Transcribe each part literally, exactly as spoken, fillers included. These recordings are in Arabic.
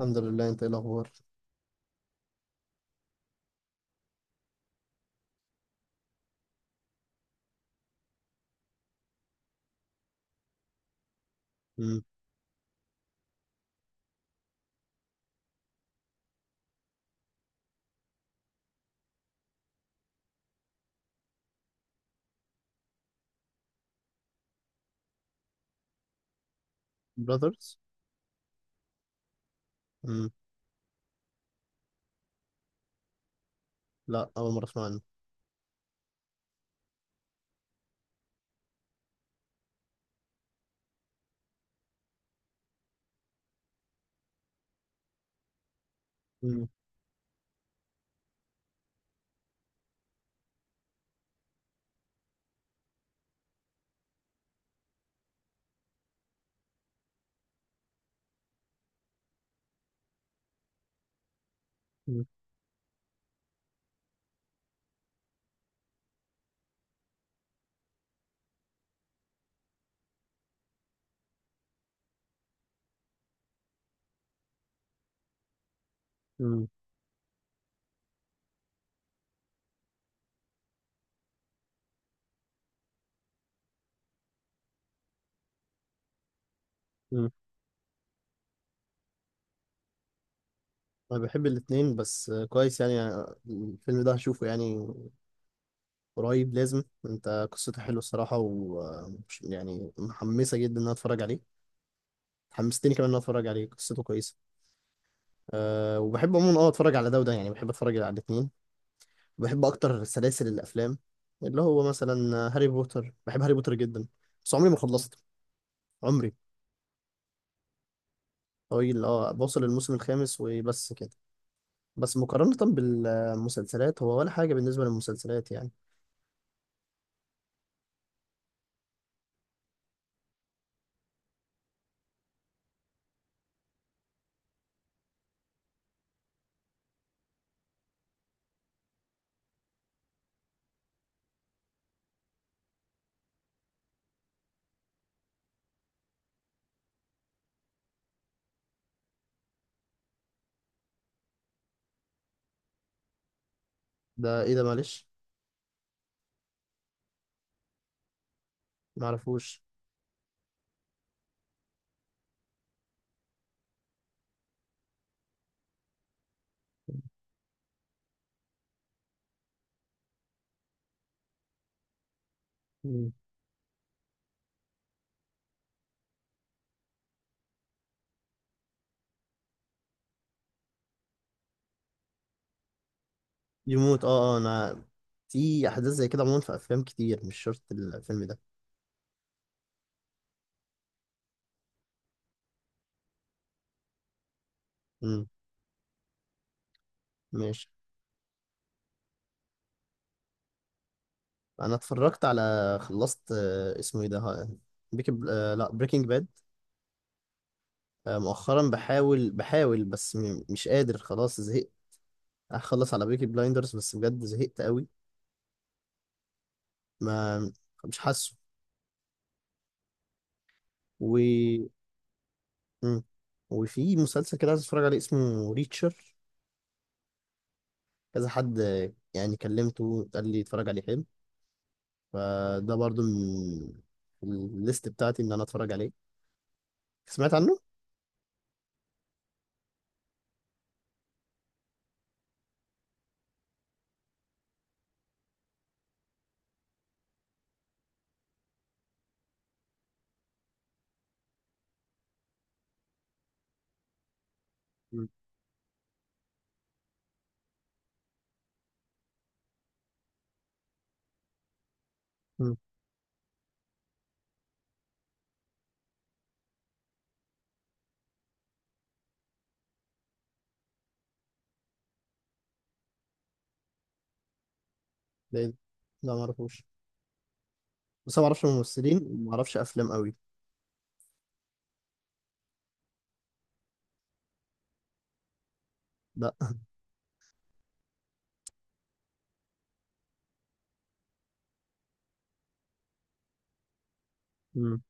الحمد لله، انت ايه الاخبار؟ امم. براذرز؟ امم. لا، اول مره اسمع عنه. امم. امم. امم. امم. انا بحب الاتنين بس آه، كويس يعني. آه، الفيلم ده هشوفه يعني قريب لازم. انت قصته حلوه الصراحه، و آه، مش- يعني محمسه جدا ان انا اتفرج عليه. حمستني كمان ان انا اتفرج عليه، قصته كويسه. أه وبحب عموما اه اتفرج على ده وده، يعني بحب اتفرج على الاتنين. بحب اكتر سلاسل الافلام، اللي هو مثلا آه، هاري بوتر. بحب هاري بوتر جدا. بس عمري ما خلصت. عمري. طويل، اه وصل الموسم الخامس وبس كده. بس مقارنة بالمسلسلات، هو ولا حاجة بالنسبة للمسلسلات يعني. ده ايه ده؟ معلش. معرفوش. مم. يموت، اه، اه، انا في احداث زي كده عموما في افلام كتير. مش شرط الفيلم ده. امم. ماشي. انا اتفرجت على، خلصت آه، اسمه ايه ده؟ ها- بيك، آه لا، بريكنج باد. آه مؤخرا، بحاول بحاول بس م- مش قادر، خلاص زهقت. هخلص على بيكي بلايندرز، بس بجد زهقت قوي. ما، مش حاسه. مم. وفي مسلسل كده عايز اتفرج عليه، اسمه ريتشر. كذا حد يعني كلمته، قال لي اتفرج عليه حلو. فده برضو من الليست بتاعتي ان انا اتفرج عليه. سمعت عنه؟ مم. مم. ده إيه ده؟ لا، ما اعرفوش. بس أنا ما اعرفش ممثلين وما اعرفش افلام قوي. لا. مم.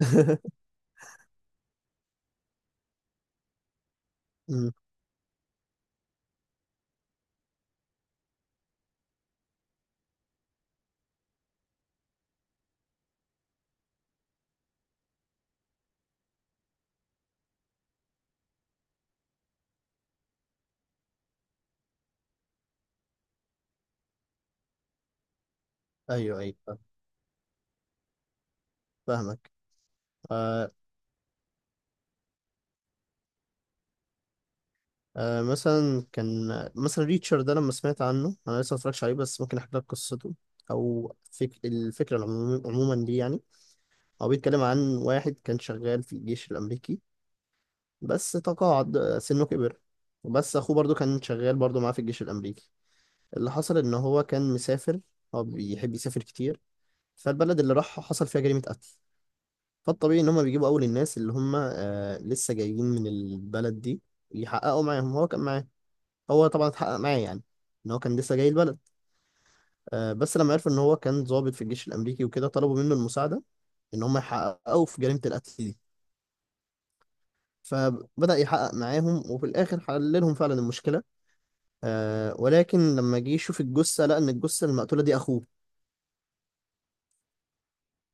مم. ايوه، ايوه، فاهمك. آه، آه، مثلا كان، مثلا ريتشر ده لما سمعت عنه، انا لسه ما اتفرجتش عليه بس ممكن احكي لك قصته. او فك... الفكره العموم- عموما دي يعني. هو بيتكلم عن واحد كان شغال في الجيش الأمريكي بس تقاعد سنه كبر. وبس أخوه برضو كان شغال برضو معاه في الجيش الأمريكي. اللي حصل إن هو كان مسافر. هو بيحب يسافر كتير. فالبلد اللي راحها حصل فيها جريمة قتل. فالطبيعي إن هما بيجيبوا أول الناس اللي هما آه لسه جايين من البلد دي، يحققوا معاهم. هو كان معاه، هو طبعا اتحقق معاه يعني إن هو كان لسه جاي البلد. آه بس لما عرفوا إن هو كان ضابط في الجيش الأمريكي وكده، طلبوا منه المساعدة إن هما يحققوا في جريمة القتل دي. فبدأ يحقق معاهم وفي الآخر حل لهم فعلا المشكلة. آه ولكن لما جه يشوف الجثة، لقى إن الجثة المقتولة دي أخوه.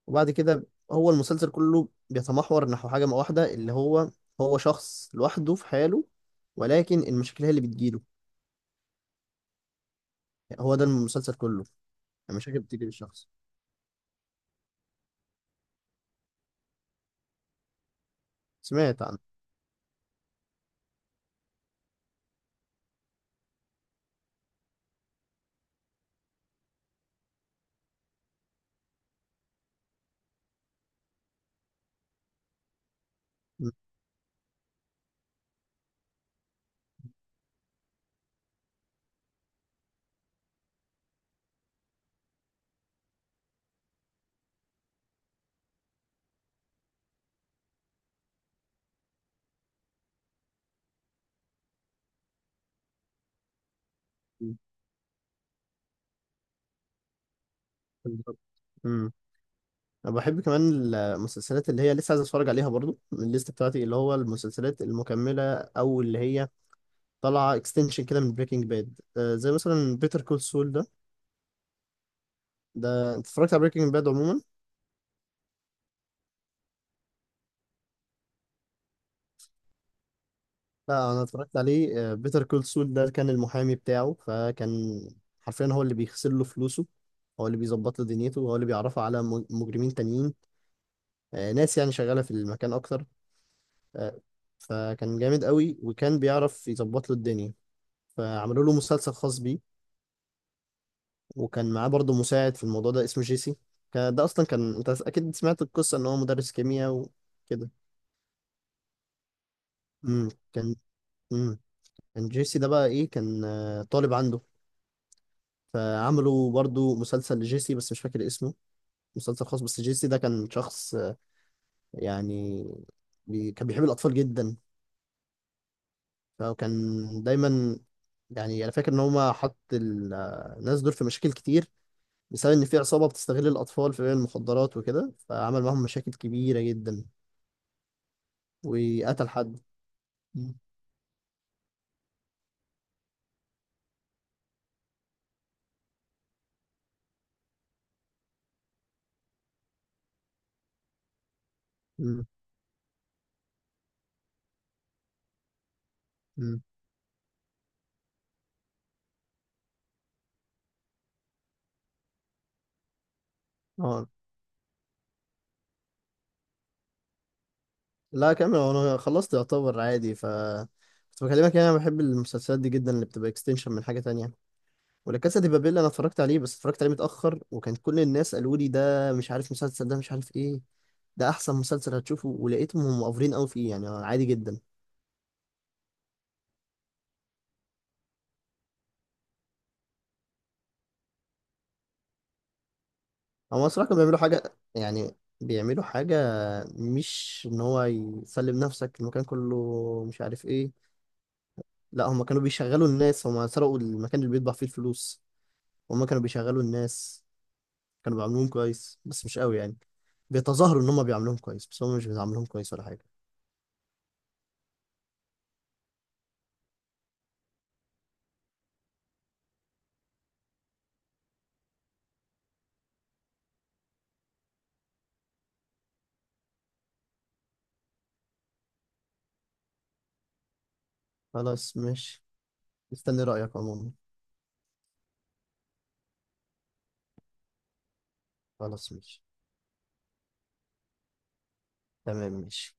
وبعد كده، هو المسلسل كله بيتمحور نحو حاجة واحدة، اللي هو هو شخص لوحده في حاله، ولكن المشاكل هي اللي بتجيله. يعني هو ده المسلسل كله، المشاكل بتيجي للشخص. سمعت عنه. م- م- بالظبط. امم. انا بحب كمان المسلسلات اللي هي لسه عايز اتفرج عليها، برضو من الليست بتاعتي، اللي هو المسلسلات المكمله او اللي هي طلع اكستنشن كده من بريكنج باد، زي مثلا بيتر كول سول ده. ده انت اتفرجت على بريكنج باد عموما؟ لا، انا اتفرجت عليه. بيتر كول سول ده كان المحامي بتاعه، فكان حرفيا هو اللي بيغسل له فلوسه، هو اللي بيظبط له دنيته، هو اللي بيعرفه على م- مجرمين تانيين. آه، ناس يعني شغالة في المكان اكتر. آه، فكان جامد قوي وكان بيعرف يظبط له الدنيا. فعملوا له مسلسل خاص بيه. وكان معاه برضه مساعد في الموضوع ده اسمه جيسي. كان- ده اصلا كان، انت اكيد سمعت القصة ان هو مدرس كيمياء وكده. امم كان. امم كان جيسي ده بقى ايه؟ كان آه، طالب عنده. فعملوا برضو مسلسل لجيسي، بس مش فاكر اسمه. مسلسل خاص، بس جيسي ده كان شخص آه، يعني بي كان بيحب الأطفال جدا. فكان دايما، يعني أنا فاكر إن هما حط ال- آه، الناس دول في مشاكل كتير بسبب إن في عصابة بتستغل الأطفال في بيع المخدرات وكده، فعمل معاهم مشاكل كبيرة جدا وقتل حد. مم. مم. مم. اه. لا، كمل، انا خلصت يعتبر عادي. ف كنت بكلمك يعني انا بحب المسلسلات دي جدا اللي بتبقى اكستنشن من حاجه تانية. ولا كاسا دي بابيل انا اتفرجت عليه، بس اتفرجت عليه متاخر، وكان كل الناس قالوا لي ده مش عارف مسلسل ده مش عارف ايه ده احسن مسلسل هتشوفه، ولقيتهم هم مقفرين قوي فيه يعني عادي جدا. هم الصراحه كانوا بيعملوا حاجه، يعني بيعملوا حاجه مش ان هو يسلم نفسك المكان كله مش عارف ايه. لا، هم كانوا بيشغلوا الناس. هم سرقوا المكان اللي بيطبع فيه الفلوس. هم كانوا بيشغلوا الناس. كانوا بيعاملوهم كويس بس مش قوي يعني. بيتظاهروا ان هم بيعاملوهم كويس بس هم مش بيعاملوهم كويس ولا حاجه. خلاص ماشي. مستني رايك عموما. خلاص ماشي، تمام ماشي.